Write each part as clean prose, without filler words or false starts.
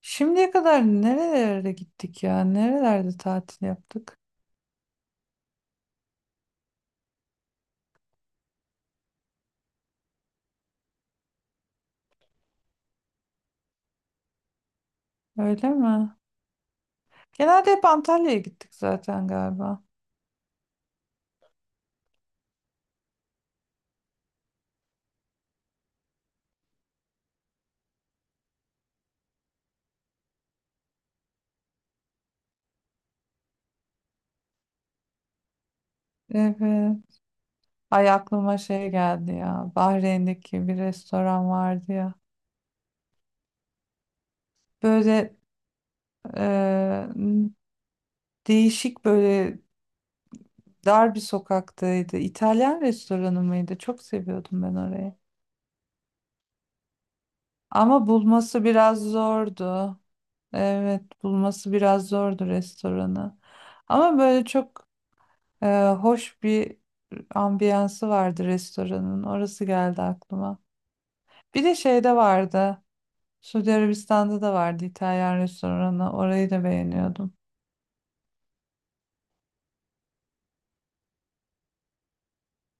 Şimdiye kadar nerelere gittik ya? Nerelerde tatil yaptık? Öyle mi? Genelde hep Antalya'ya gittik zaten galiba. Evet. Ay aklıma şey geldi ya. Bahreyn'deki bir restoran vardı ya. Böyle e, değişik böyle dar bir sokaktaydı. İtalyan restoranı mıydı? Çok seviyordum ben orayı. Ama bulması biraz zordu. Evet, bulması biraz zordu restoranı. Ama böyle çok Ee, hoş bir ambiyansı vardı restoranın. Orası geldi aklıma. Bir de şeyde vardı. Suudi Arabistan'da da vardı İtalyan restoranı. Orayı da beğeniyordum.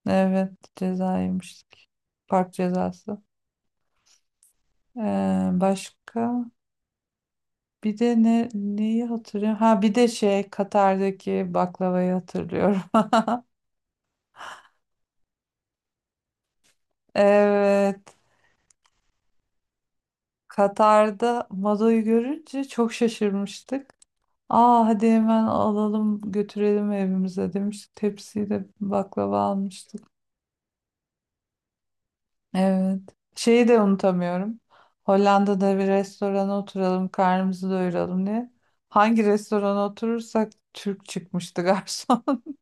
Evet, ceza yemiştik. Park cezası. Başka bir de neyi hatırlıyorum? Ha bir de şey Katar'daki baklavayı hatırlıyorum. Evet. Katar'da Mado'yu görünce çok şaşırmıştık. Aa hadi hemen alalım götürelim evimize demiştik. Tepsiyi de baklava almıştık. Evet. Şeyi de unutamıyorum. Hollanda'da bir restorana oturalım, karnımızı doyuralım diye. Hangi restorana oturursak Türk çıkmıştı garson.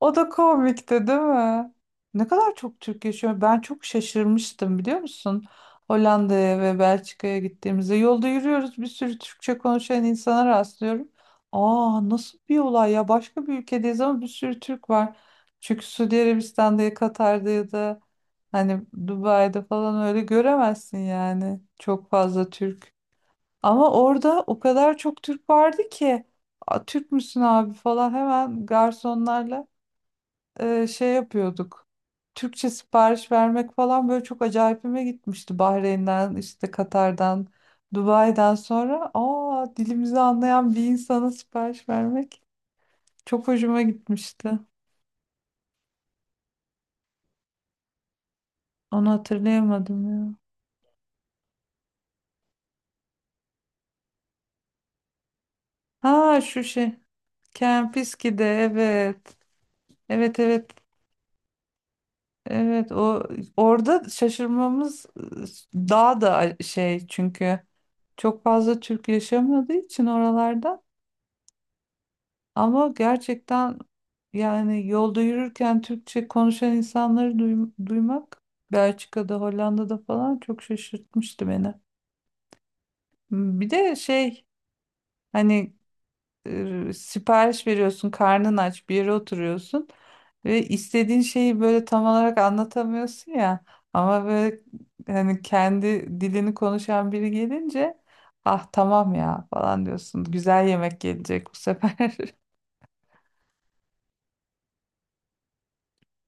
O da komikti, değil mi? Ne kadar çok Türk yaşıyor. Ben çok şaşırmıştım, biliyor musun? Hollanda'ya ve Belçika'ya gittiğimizde yolda yürüyoruz, bir sürü Türkçe konuşan insana rastlıyorum. Aa, nasıl bir olay ya, başka bir ülkedeyiz ama bir sürü Türk var. Çünkü Suudi Arabistan'da ya Katar'da ya da hani Dubai'de falan öyle göremezsin yani çok fazla Türk. Ama orada o kadar çok Türk vardı ki "Aa, Türk müsün abi" falan, hemen garsonlarla şey yapıyorduk. Türkçe sipariş vermek falan böyle çok acayipime gitmişti. Bahreyn'den, işte Katar'dan, Dubai'den sonra aa dilimizi anlayan bir insana sipariş vermek çok hoşuma gitmişti. Onu hatırlayamadım ya. Ha şu şey. Kempiski'de, evet. Evet, evet. Evet, o orada şaşırmamız daha da şey çünkü çok fazla Türk yaşamadığı için oralarda. Ama gerçekten yani yolda yürürken Türkçe konuşan insanları duymak Belçika'da, Hollanda'da falan çok şaşırtmıştı beni. Bir de şey hani sipariş veriyorsun, karnın aç, bir yere oturuyorsun ve istediğin şeyi böyle tam olarak anlatamıyorsun ya. Ama böyle hani kendi dilini konuşan biri gelince ah tamam ya falan diyorsun. Güzel yemek gelecek bu sefer.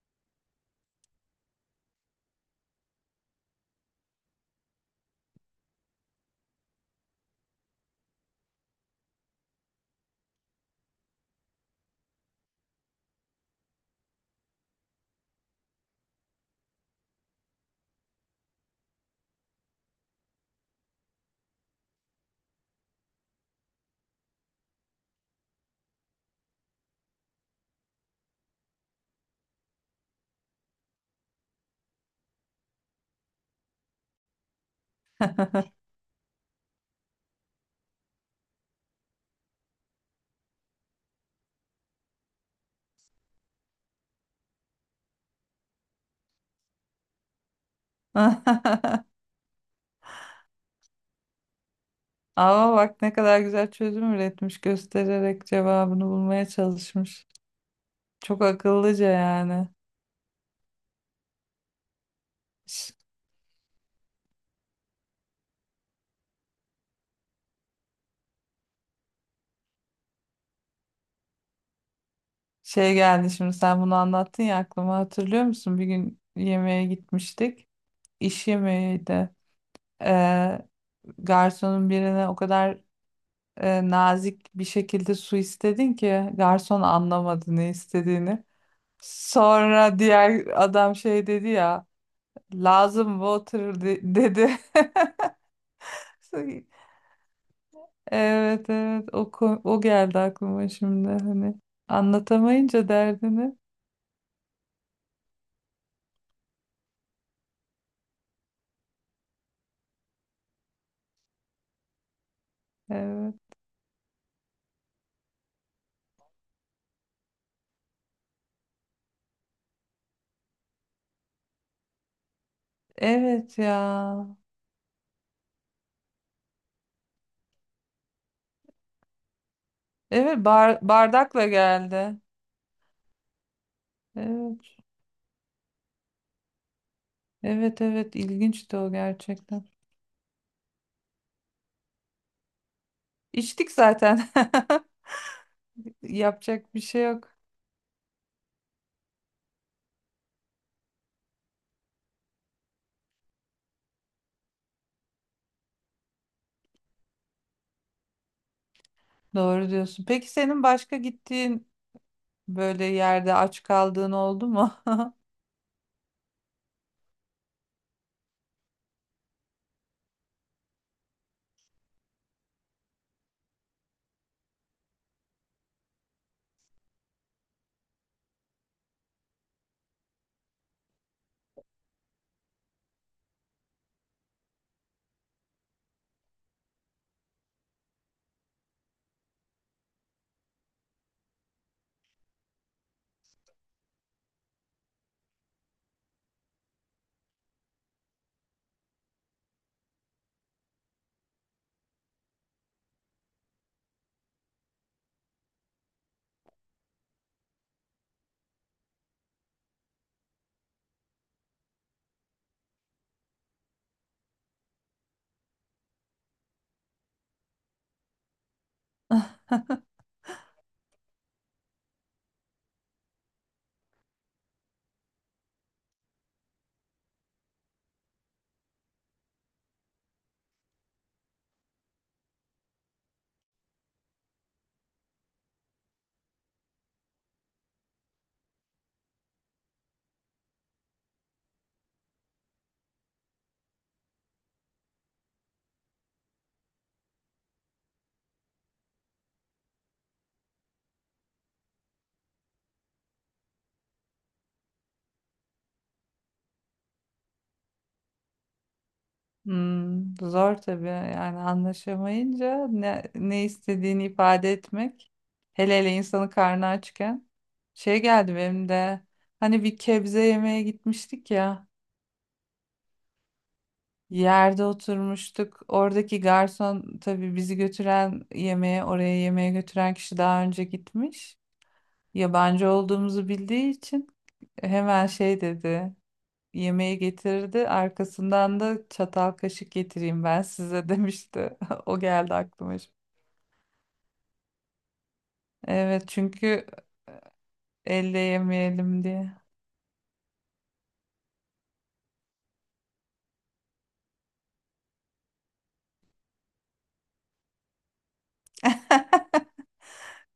Ama bak ne kadar güzel çözüm üretmiş, göstererek cevabını bulmaya çalışmış. Çok akıllıca yani. Ş- Şey geldi şimdi sen bunu anlattın ya aklıma, hatırlıyor musun? Bir gün yemeğe gitmiştik. İş yemeğiydi. Ee, Garsonun birine o kadar nazik bir şekilde su istedin ki garson anlamadı ne istediğini. Sonra diğer adam şey dedi ya, lazım water dedi. Evet, evet, o geldi aklıma şimdi hani anlatamayınca derdini. Evet. Evet ya. Evet, bardakla geldi. Evet. Evet, evet, ilginçti o gerçekten. İçtik zaten. Yapacak bir şey yok. Doğru diyorsun. Peki senin başka gittiğin böyle yerde aç kaldığın oldu mu? Hmm, zor tabii yani anlaşamayınca ne istediğini ifade etmek, hele hele insanın karnı açken şey geldi benim de hani bir kebze yemeye gitmiştik ya, yerde oturmuştuk, oradaki garson tabii bizi götüren yemeğe, oraya yemeğe götüren kişi daha önce gitmiş, yabancı olduğumuzu bildiği için hemen şey dedi, yemeği getirdi. Arkasından da çatal kaşık getireyim ben size demişti. O geldi aklıma şimdi. Evet çünkü elle yemeyelim diye.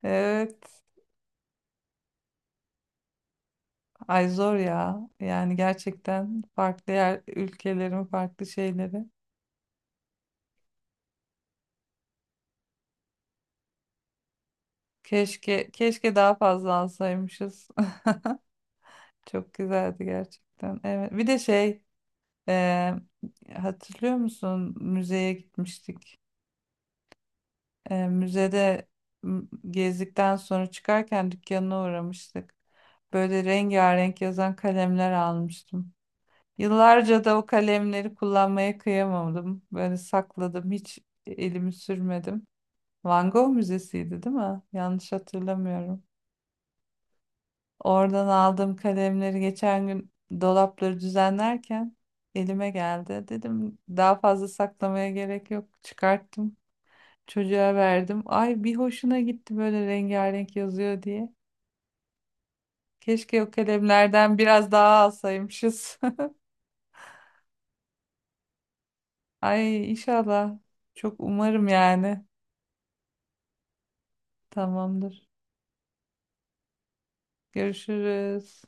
Evet. Ay zor ya. Yani gerçekten farklı yer, ülkelerin farklı şeyleri. Keşke keşke daha fazla alsaymışız. Çok güzeldi gerçekten. Evet. Bir de şey, e, hatırlıyor musun? Müzeye gitmiştik. Müzede m, gezdikten sonra çıkarken dükkanına uğramıştık. Böyle rengarenk yazan kalemler almıştım. Yıllarca da o kalemleri kullanmaya kıyamadım. Böyle sakladım, hiç elimi sürmedim. Van Gogh Müzesi'ydi, değil mi? Yanlış hatırlamıyorum. Oradan aldığım kalemleri geçen gün dolapları düzenlerken elime geldi. Dedim daha fazla saklamaya gerek yok. Çıkarttım. Çocuğa verdim. Ay bir hoşuna gitti böyle rengarenk yazıyor diye. Keşke o kalemlerden biraz daha alsaymışız. Ay inşallah. Çok umarım yani. Tamamdır. Görüşürüz.